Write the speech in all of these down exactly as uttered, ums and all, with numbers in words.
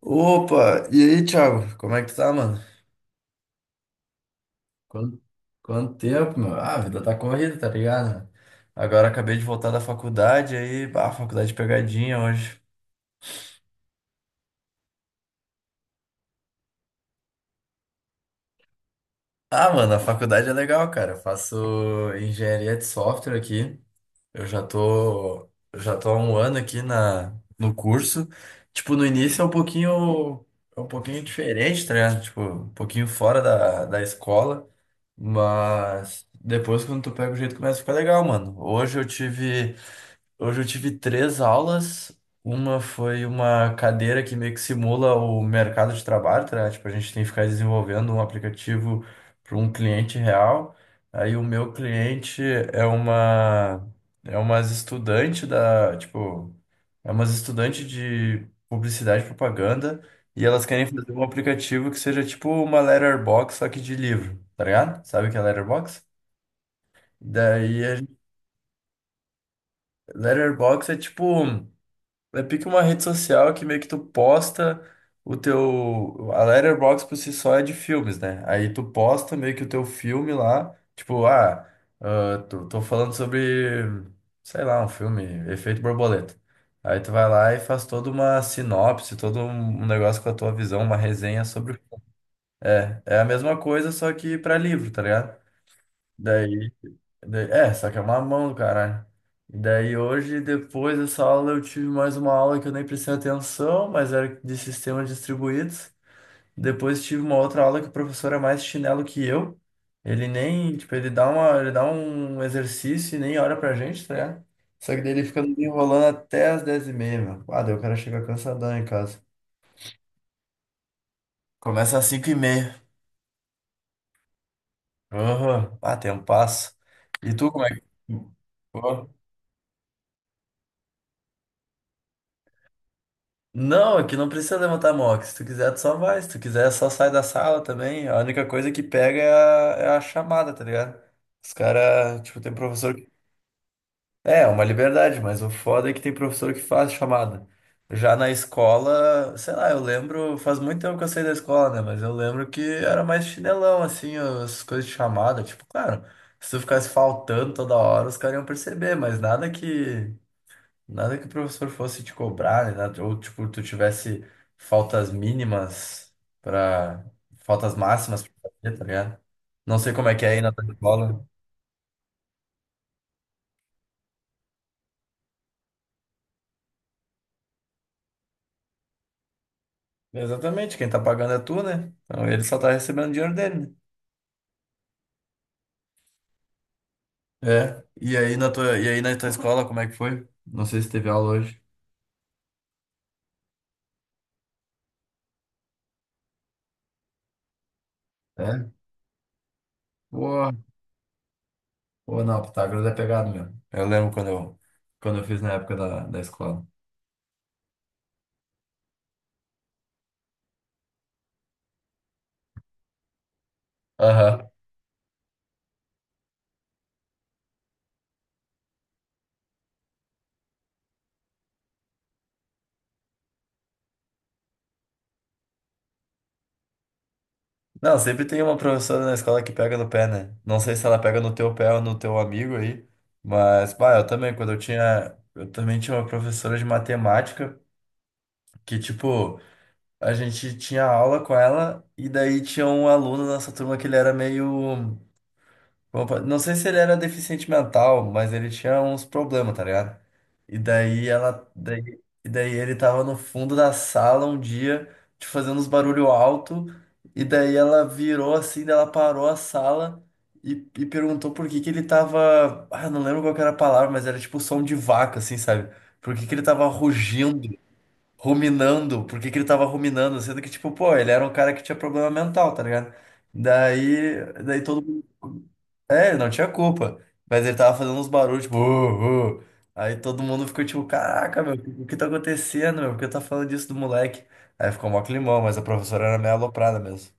Opa, e aí, Thiago? Como é que tu tá, mano? Quanto, quanto tempo, meu? Ah, a vida tá corrida, tá ligado? Agora acabei de voltar da faculdade, aí, ah, faculdade de pegadinha hoje. Ah, mano, a faculdade é legal, cara. Eu faço engenharia de software aqui. Eu já tô, eu já tô há um ano aqui na, no curso. Tipo, no início é um pouquinho, é um pouquinho diferente, tá ligado? Tipo, um pouquinho fora da, da escola. Mas depois, quando tu pega o jeito, começa a ficar legal, mano. Hoje eu tive. Hoje eu tive três aulas. Uma foi uma cadeira que meio que simula o mercado de trabalho, tá? Tipo, a gente tem que ficar desenvolvendo um aplicativo para um cliente real. Aí o meu cliente é uma é umas estudante da, tipo, é umas estudantes de publicidade e propaganda e elas querem fazer um aplicativo que seja tipo uma letterbox só que de livro, tá ligado? Sabe o que é letterbox? Daí a gente- letterbox é tipo um É pique uma rede social que meio que tu posta o teu. A Letterboxd por si só é de filmes, né? Aí tu posta meio que o teu filme lá. Tipo, ah, ah, tô, tô falando sobre, sei lá, um filme, Efeito Borboleta. Aí tu vai lá e faz toda uma sinopse, todo um um negócio com a tua visão, uma resenha sobre. É, é a mesma coisa, só que pra livro, tá ligado? Daí. Daí- É, só que é uma mão do caralho. E daí hoje, depois dessa aula, eu tive mais uma aula que eu nem prestei atenção, mas era de sistemas distribuídos. Depois tive uma outra aula que o professor é mais chinelo que eu. Ele nem, tipo, ele dá uma, ele dá um exercício e nem olha pra gente, tá ligado? Só que daí ele fica nos enrolando até as dez e meia, meu. Ah, daí o cara chega cansadão em casa. Começa às cinco e meia. Aham. Ah, tem um passo. E tu, como é que... Não, é que não precisa levantar a mão. Se tu quiser, tu só vai. Se tu quiser, só sai da sala também. A única coisa que pega é a, é a chamada, tá ligado? Os caras, tipo, tem professor que. É, é uma liberdade, mas o foda é que tem professor que faz chamada. Já na escola, sei lá, eu lembro, faz muito tempo que eu saí da escola, né? Mas eu lembro que era mais chinelão, assim, as coisas de chamada. Tipo, claro, se tu ficasse faltando toda hora, os caras iam perceber, mas nada que. Nada que o professor fosse te cobrar, né? nada- Ou tipo, tu tivesse faltas mínimas para faltas máximas pra fazer, tá ligado? Não sei como é que é aí na tua escola. Exatamente, quem tá pagando é tu, né? Então ele só tá recebendo o dinheiro dele, né? É. E aí na tua, e aí na tua escola, como é que foi? Não sei se teve aula hoje. É? Pô, pô, não, Pitágoras é pegado mesmo. Eu lembro quando eu, quando eu fiz na época da, da escola. Aham. Não, sempre tem uma professora na escola que pega no pé, né? Não sei se ela pega no teu pé ou no teu amigo aí, mas, pá, eu também, quando eu tinha. Eu também tinha uma professora de matemática que, tipo, a gente tinha aula com ela e daí tinha um aluno na nossa turma que ele era meio. Opa, não sei se ele era deficiente mental, mas ele tinha uns problemas, tá ligado? E daí ela, daí, e daí ele tava no fundo da sala um dia, te fazendo uns barulho alto, e daí ela virou assim, daí ela parou a sala e, e perguntou por que que ele tava, ah, não lembro qual que era a palavra, mas era tipo som de vaca, assim, sabe? Por que que ele tava rugindo, ruminando, por que que ele tava ruminando, sendo que tipo, pô, ele era um cara que tinha problema mental, tá ligado? Daí, daí todo mundo é, ele não tinha culpa. Mas ele tava fazendo uns barulhos, tipo, "Uh, uh". Aí todo mundo ficou tipo, caraca, meu, o que tá acontecendo, meu? Por que tá falando disso do moleque? Aí ficou mó climão, mas a professora era meio aloprada mesmo.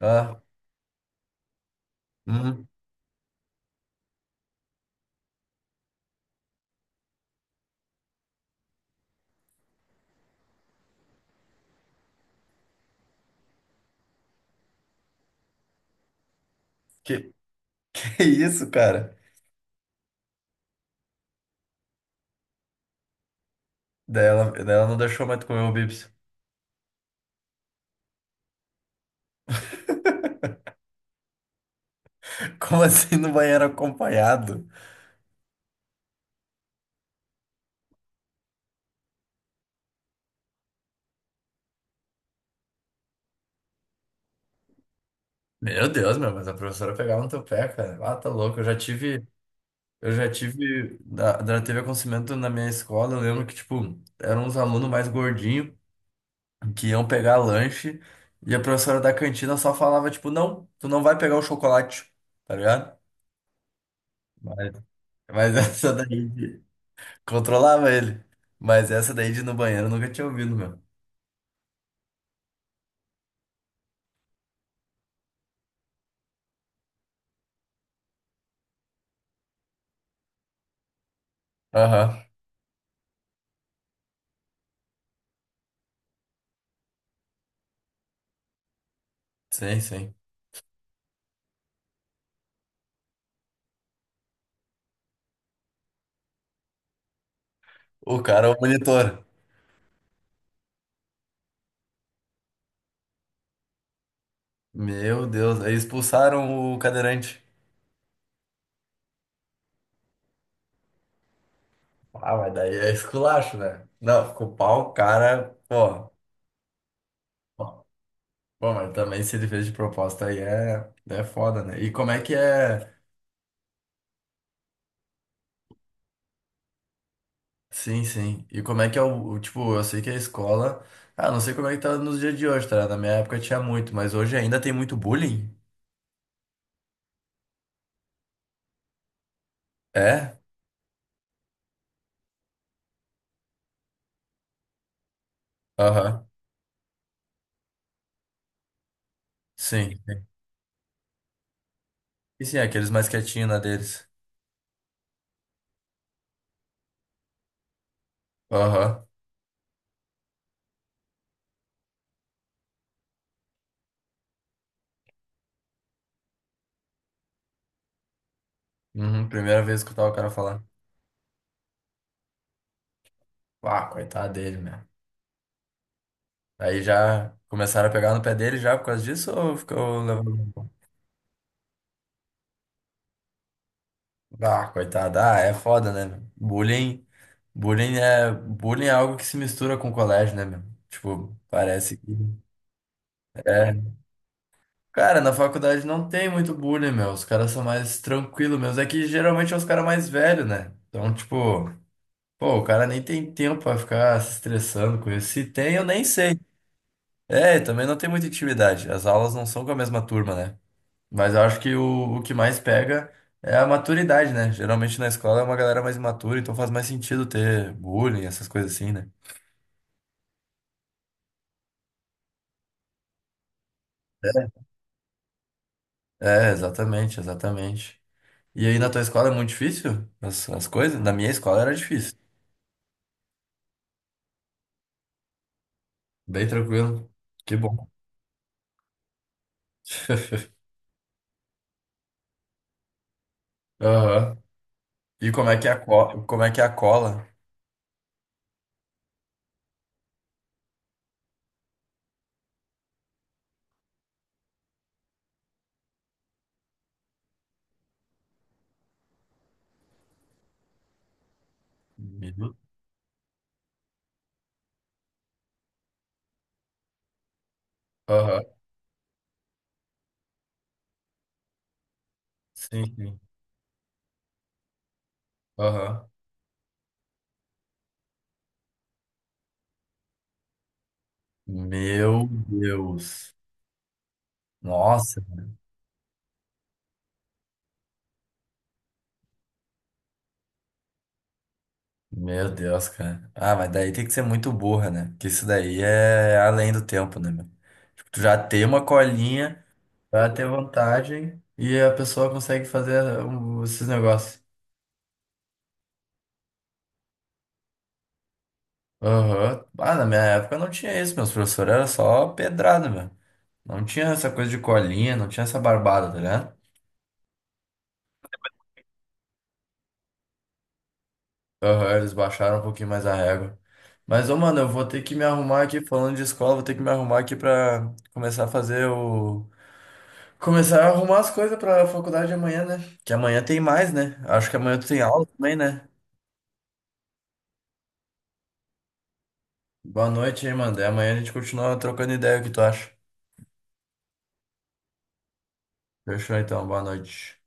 Ah, uhum. Que, que isso, cara? Daí ela, daí ela não deixou mais tu comer o bips. Como assim no banheiro acompanhado? Meu Deus, meu, mas a professora pegava no teu pé, cara. Ah, tá louco, eu já tive. Eu já tive. Da, da, teve acontecimento na minha escola, eu lembro que, tipo, eram uns alunos mais gordinhos. Que iam pegar lanche e a professora da cantina só falava, tipo, não, tu não vai pegar o chocolate, tá ligado? Mas, mas essa daí de- controlava ele. Mas essa daí de ir no banheiro eu nunca tinha ouvido, meu. Aham, sim, sim. O cara é o monitor. Meu Deus, aí expulsaram o cadeirante. Ah, mas daí é esculacho, né? Não, ficou pau, o cara, pô. Bom, mas também se ele fez de proposta aí é, é foda, né? E como é que é? Sim, sim. E como é que é o, o- tipo, eu sei que a escola, ah, não sei como é que tá nos dias de hoje, tá? Na minha época tinha muito, mas hoje ainda tem muito bullying? É? Aham. Sim. Sim. E sim, aqueles mais quietinhos na deles. Aham. Uhum. Primeira vez que eu tava o cara falar. Ah, coitado dele, né? Aí já começaram a pegar no pé dele já por causa disso ou ficou levando? Ah, coitado. Ah, é foda, né, meu? Bullying, bullying é, bullying é algo que se mistura com o colégio, né, meu? Tipo, parece que... É. Cara, na faculdade não tem muito bullying, meu. Os caras são mais tranquilos, meus. É que geralmente é os caras mais velhos, né? Então, tipo, pô, o cara nem tem tempo pra ficar se estressando com isso. Se tem, eu nem sei. É, também não tem muita intimidade. As aulas não são com a mesma turma, né? Mas eu acho que o, o que mais pega é a maturidade, né? Geralmente na escola é uma galera mais imatura, então faz mais sentido ter bullying, essas coisas assim, né? É, é, exatamente, exatamente. E aí na tua escola é muito difícil as, as coisas? Na minha escola era difícil. Bem tranquilo. Que bom. Aham. E como é que é a cola? Como é que é a cola? Meu- Aham. Sim, sim. Aham. Meu Deus. Nossa. Meu Deus, cara. Ah, mas daí tem que ser muito burra, né? Porque isso daí é além do tempo, né, meu? Tipo, tu já tem uma colinha pra ter vantagem e a pessoa consegue fazer um- esses negócios. Aham. Ah, na minha época não tinha isso. Meus professores eram só pedrada, meu. Não tinha essa coisa de colinha, não tinha essa barbada, tá ligado? Aham, eles baixaram um pouquinho mais a régua. Mas, ô, mano, eu vou ter que me arrumar aqui, falando de escola, vou ter que me arrumar aqui pra começar a fazer o. Começar a arrumar as coisas pra faculdade amanhã, né? Que amanhã tem mais, né? Acho que amanhã tu tem aula também, né? Boa noite, hein, mano. Daí amanhã a gente continua trocando ideia, o que tu acha? Fechou então, boa noite.